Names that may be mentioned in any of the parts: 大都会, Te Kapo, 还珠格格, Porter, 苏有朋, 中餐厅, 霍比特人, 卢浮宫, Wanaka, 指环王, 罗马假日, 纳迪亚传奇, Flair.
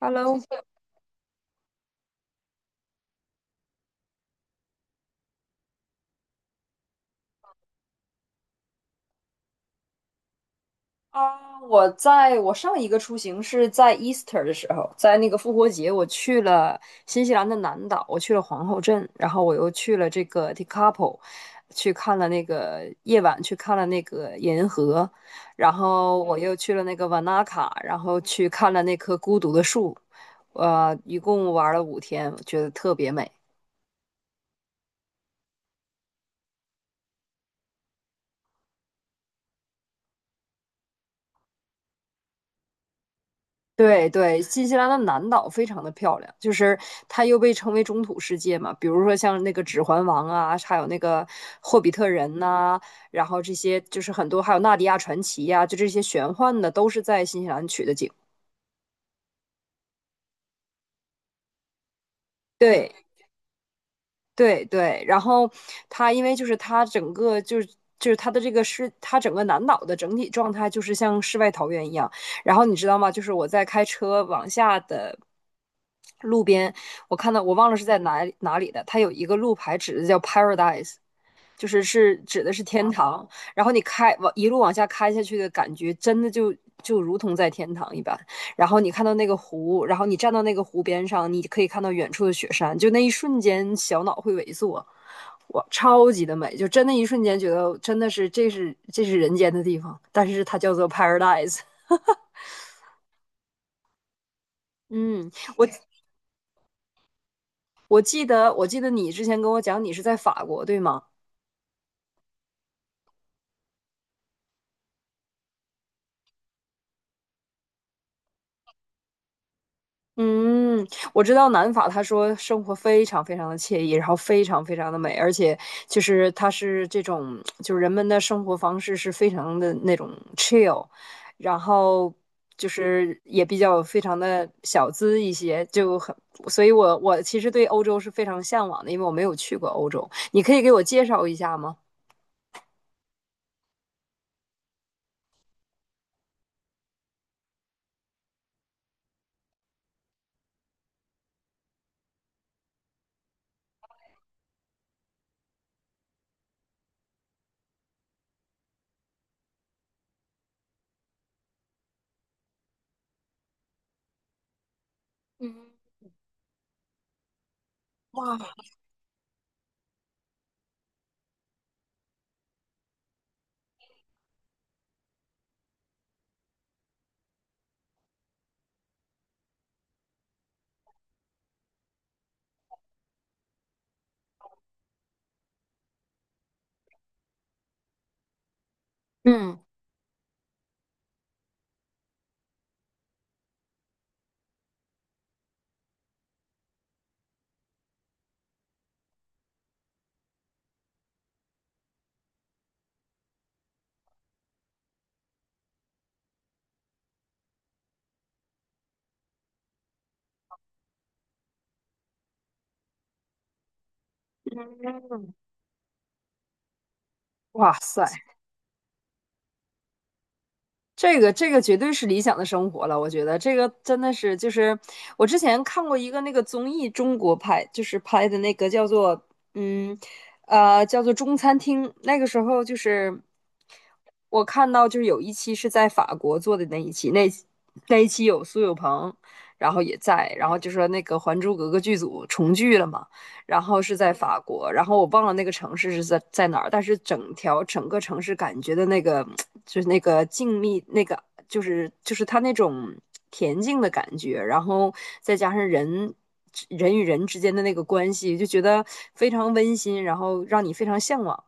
Hello，啊，我上一个出行是在 Easter 的时候，在那个复活节，我去了新西兰的南岛，我去了皇后镇，然后我又去了这个 Te Kapo，去看了那个夜晚，去看了那个银河，然后我又去了那个瓦纳卡，然后去看了那棵孤独的树，一共玩了5天，我觉得特别美。对对，新西兰的南岛非常的漂亮，就是它又被称为中土世界嘛。比如说像那个《指环王》啊，还有那个《霍比特人》呐，然后这些就是很多，还有《纳迪亚传奇》呀，就这些玄幻的都是在新西兰取的景。对，对对，然后他因为就是他整个就是他的这个是他整个南岛的整体状态就是像世外桃源一样。然后你知道吗？就是我在开车往下的路边，我看到我忘了是在哪里的，它有一个路牌指的叫 Paradise，就是指的是天堂，然后你开往一路往下开下去的感觉，真的就如同在天堂一般。然后你看到那个湖，然后你站到那个湖边上，你可以看到远处的雪山，就那一瞬间小脑会萎缩，哇，超级的美，就真的一瞬间觉得真的是这是人间的地方，但是它叫做 paradise。嗯，我我记得我记得你之前跟我讲你是在法国对吗？嗯，我知道南法，他说生活非常非常的惬意，然后非常非常的美，而且就是它是这种，就是人们的生活方式是非常的那种 chill，然后就是也比较非常的小资一些，就很，所以我其实对欧洲是非常向往的，因为我没有去过欧洲，你可以给我介绍一下吗？嗯嗯。哇塞，这个绝对是理想的生活了，我觉得这个真的是就是我之前看过一个那个综艺，中国拍就是拍的那个嗯叫做中餐厅，那个时候就是我看到就是有一期是在法国做的那一期，那那一期有苏有朋，然后也在，然后就说那个《还珠格格》剧组重聚了嘛。然后是在法国，然后我忘了那个城市是在哪儿，但是整条整个城市感觉的那个 就是那个静谧，那个就是它那种恬静的感觉，然后再加上人与人之间的那个关系，就觉得非常温馨，然后让你非常向往。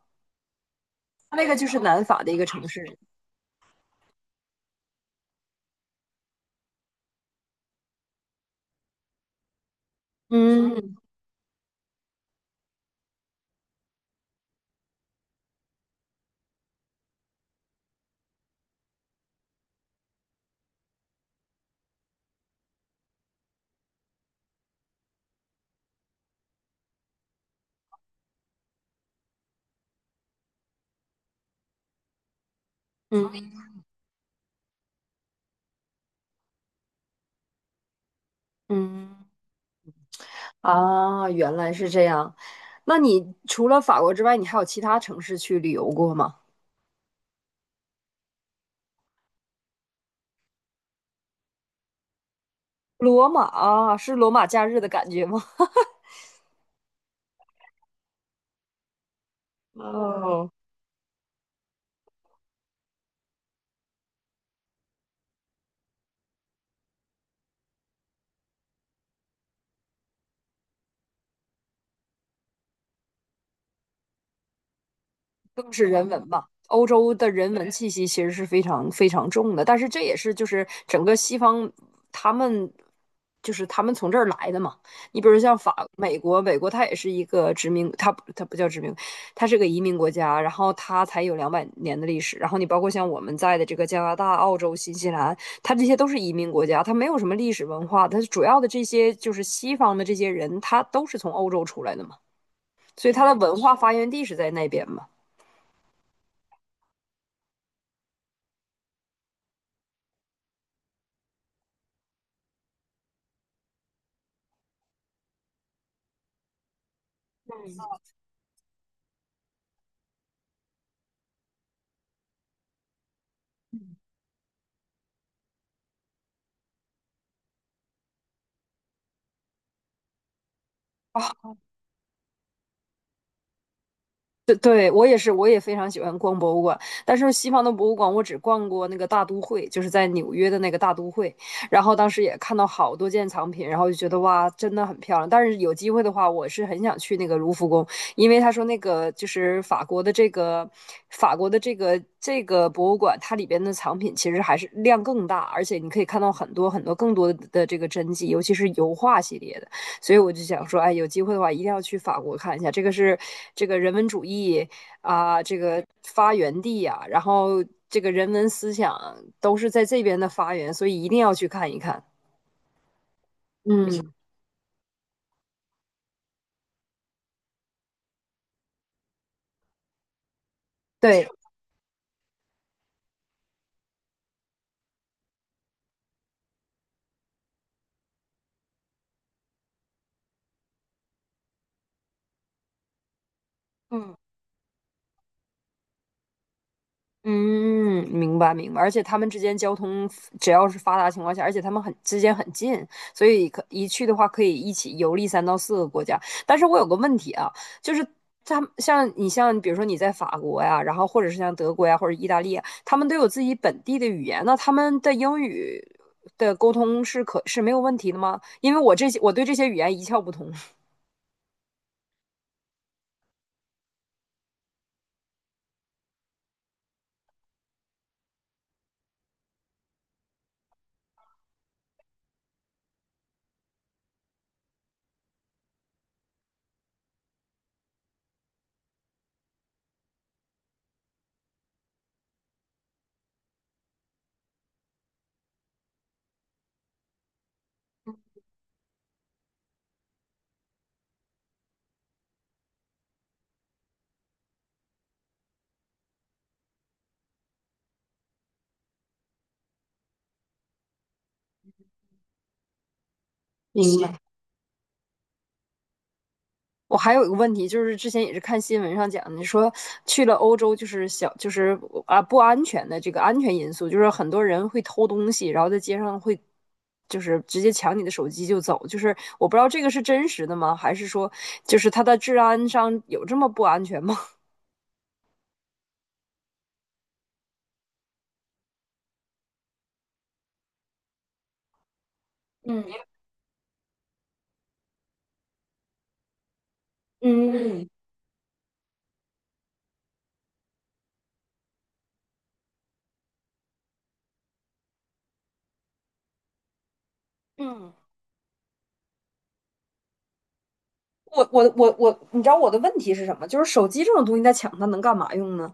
那个就是南法的一个城市，嗯嗯嗯啊，原来是这样。那你除了法国之外，你还有其他城市去旅游过吗？罗马啊是罗马假日的感觉吗？哦，更是人文吧，欧洲的人文气息其实是非常非常重的，但是这也是就是整个西方他们他们从这儿来的嘛。你比如像法、美国它也是一个殖民，它不叫殖民，它是个移民国家，然后它才有200年的历史。然后你包括像我们在的这个加拿大、澳洲、新西兰，它这些都是移民国家，它没有什么历史文化，它主要的这些就是西方的这些人，他都是从欧洲出来的嘛，所以它的文化发源地是在那边嘛。啊。对，对，我也是，我也非常喜欢逛博物馆。但是西方的博物馆，我只逛过那个大都会，就是在纽约的那个大都会。然后当时也看到好多件藏品，然后就觉得哇，真的很漂亮。但是有机会的话，我是很想去那个卢浮宫，因为他说那个就是法国的这个博物馆，它里边的藏品其实还是量更大，而且你可以看到很多很多更多的这个真迹，尤其是油画系列的。所以我就想说，哎，有机会的话一定要去法国看一下，这个是这个人文主义啊，这个发源地呀、然后这个人文思想都是在这边的发源，所以一定要去看一看。嗯，对，嗯。嗯，明白明白，而且他们之间交通只要是发达情况下，而且他们很之间很近，所以可一去的话可以一起游历3到4个国家。但是我有个问题啊，就是他们像你像比如说你在法国呀，然后或者是像德国呀或者意大利呀，他们都有自己本地的语言，那他们的英语的沟通是可是没有问题的吗？因为我对这些语言一窍不通。明白。我还有一个问题，就是之前也是看新闻上讲你说去了欧洲就是小就是啊不安全的这个安全因素，就是很多人会偷东西，然后在街上会就是直接抢你的手机就走，就是我不知道这个是真实的吗？还是说就是它的治安上有这么不安全吗？嗯嗯嗯，我我我我，你知道我的问题是什么？就是手机这种东西，在抢它能干嘛用呢？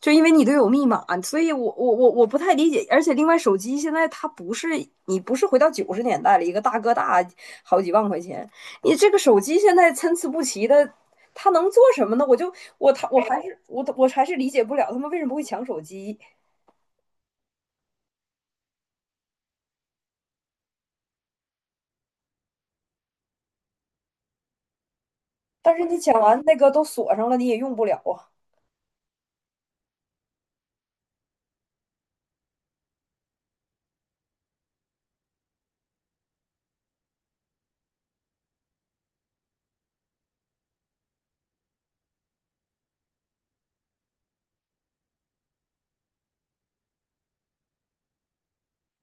就因为你都有密码，所以我不太理解。而且另外，手机现在它不是你不是回到90年代了，一个大哥大好几万块钱，你这个手机现在参差不齐的，它能做什么呢？我就我他我还是我我还是理解不了他们为什么会抢手机。但是你抢完那个都锁上了，你也用不了啊！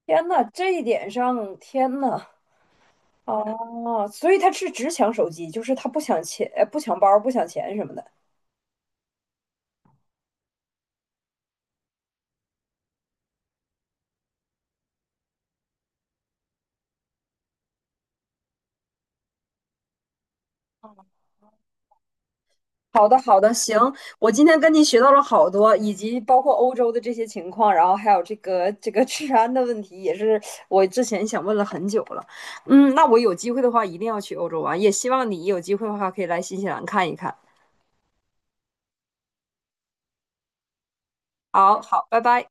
天呐，这一点上，天呐，啊，所以他是只抢手机，就是他不抢钱、不抢包、不抢钱什么的。好的，好的，行，我今天跟您学到了好多，以及包括欧洲的这些情况，然后还有这个治安的问题，也是我之前想问了很久了。嗯，那我有机会的话一定要去欧洲玩，也希望你有机会的话可以来新西兰看一看。好好，拜拜。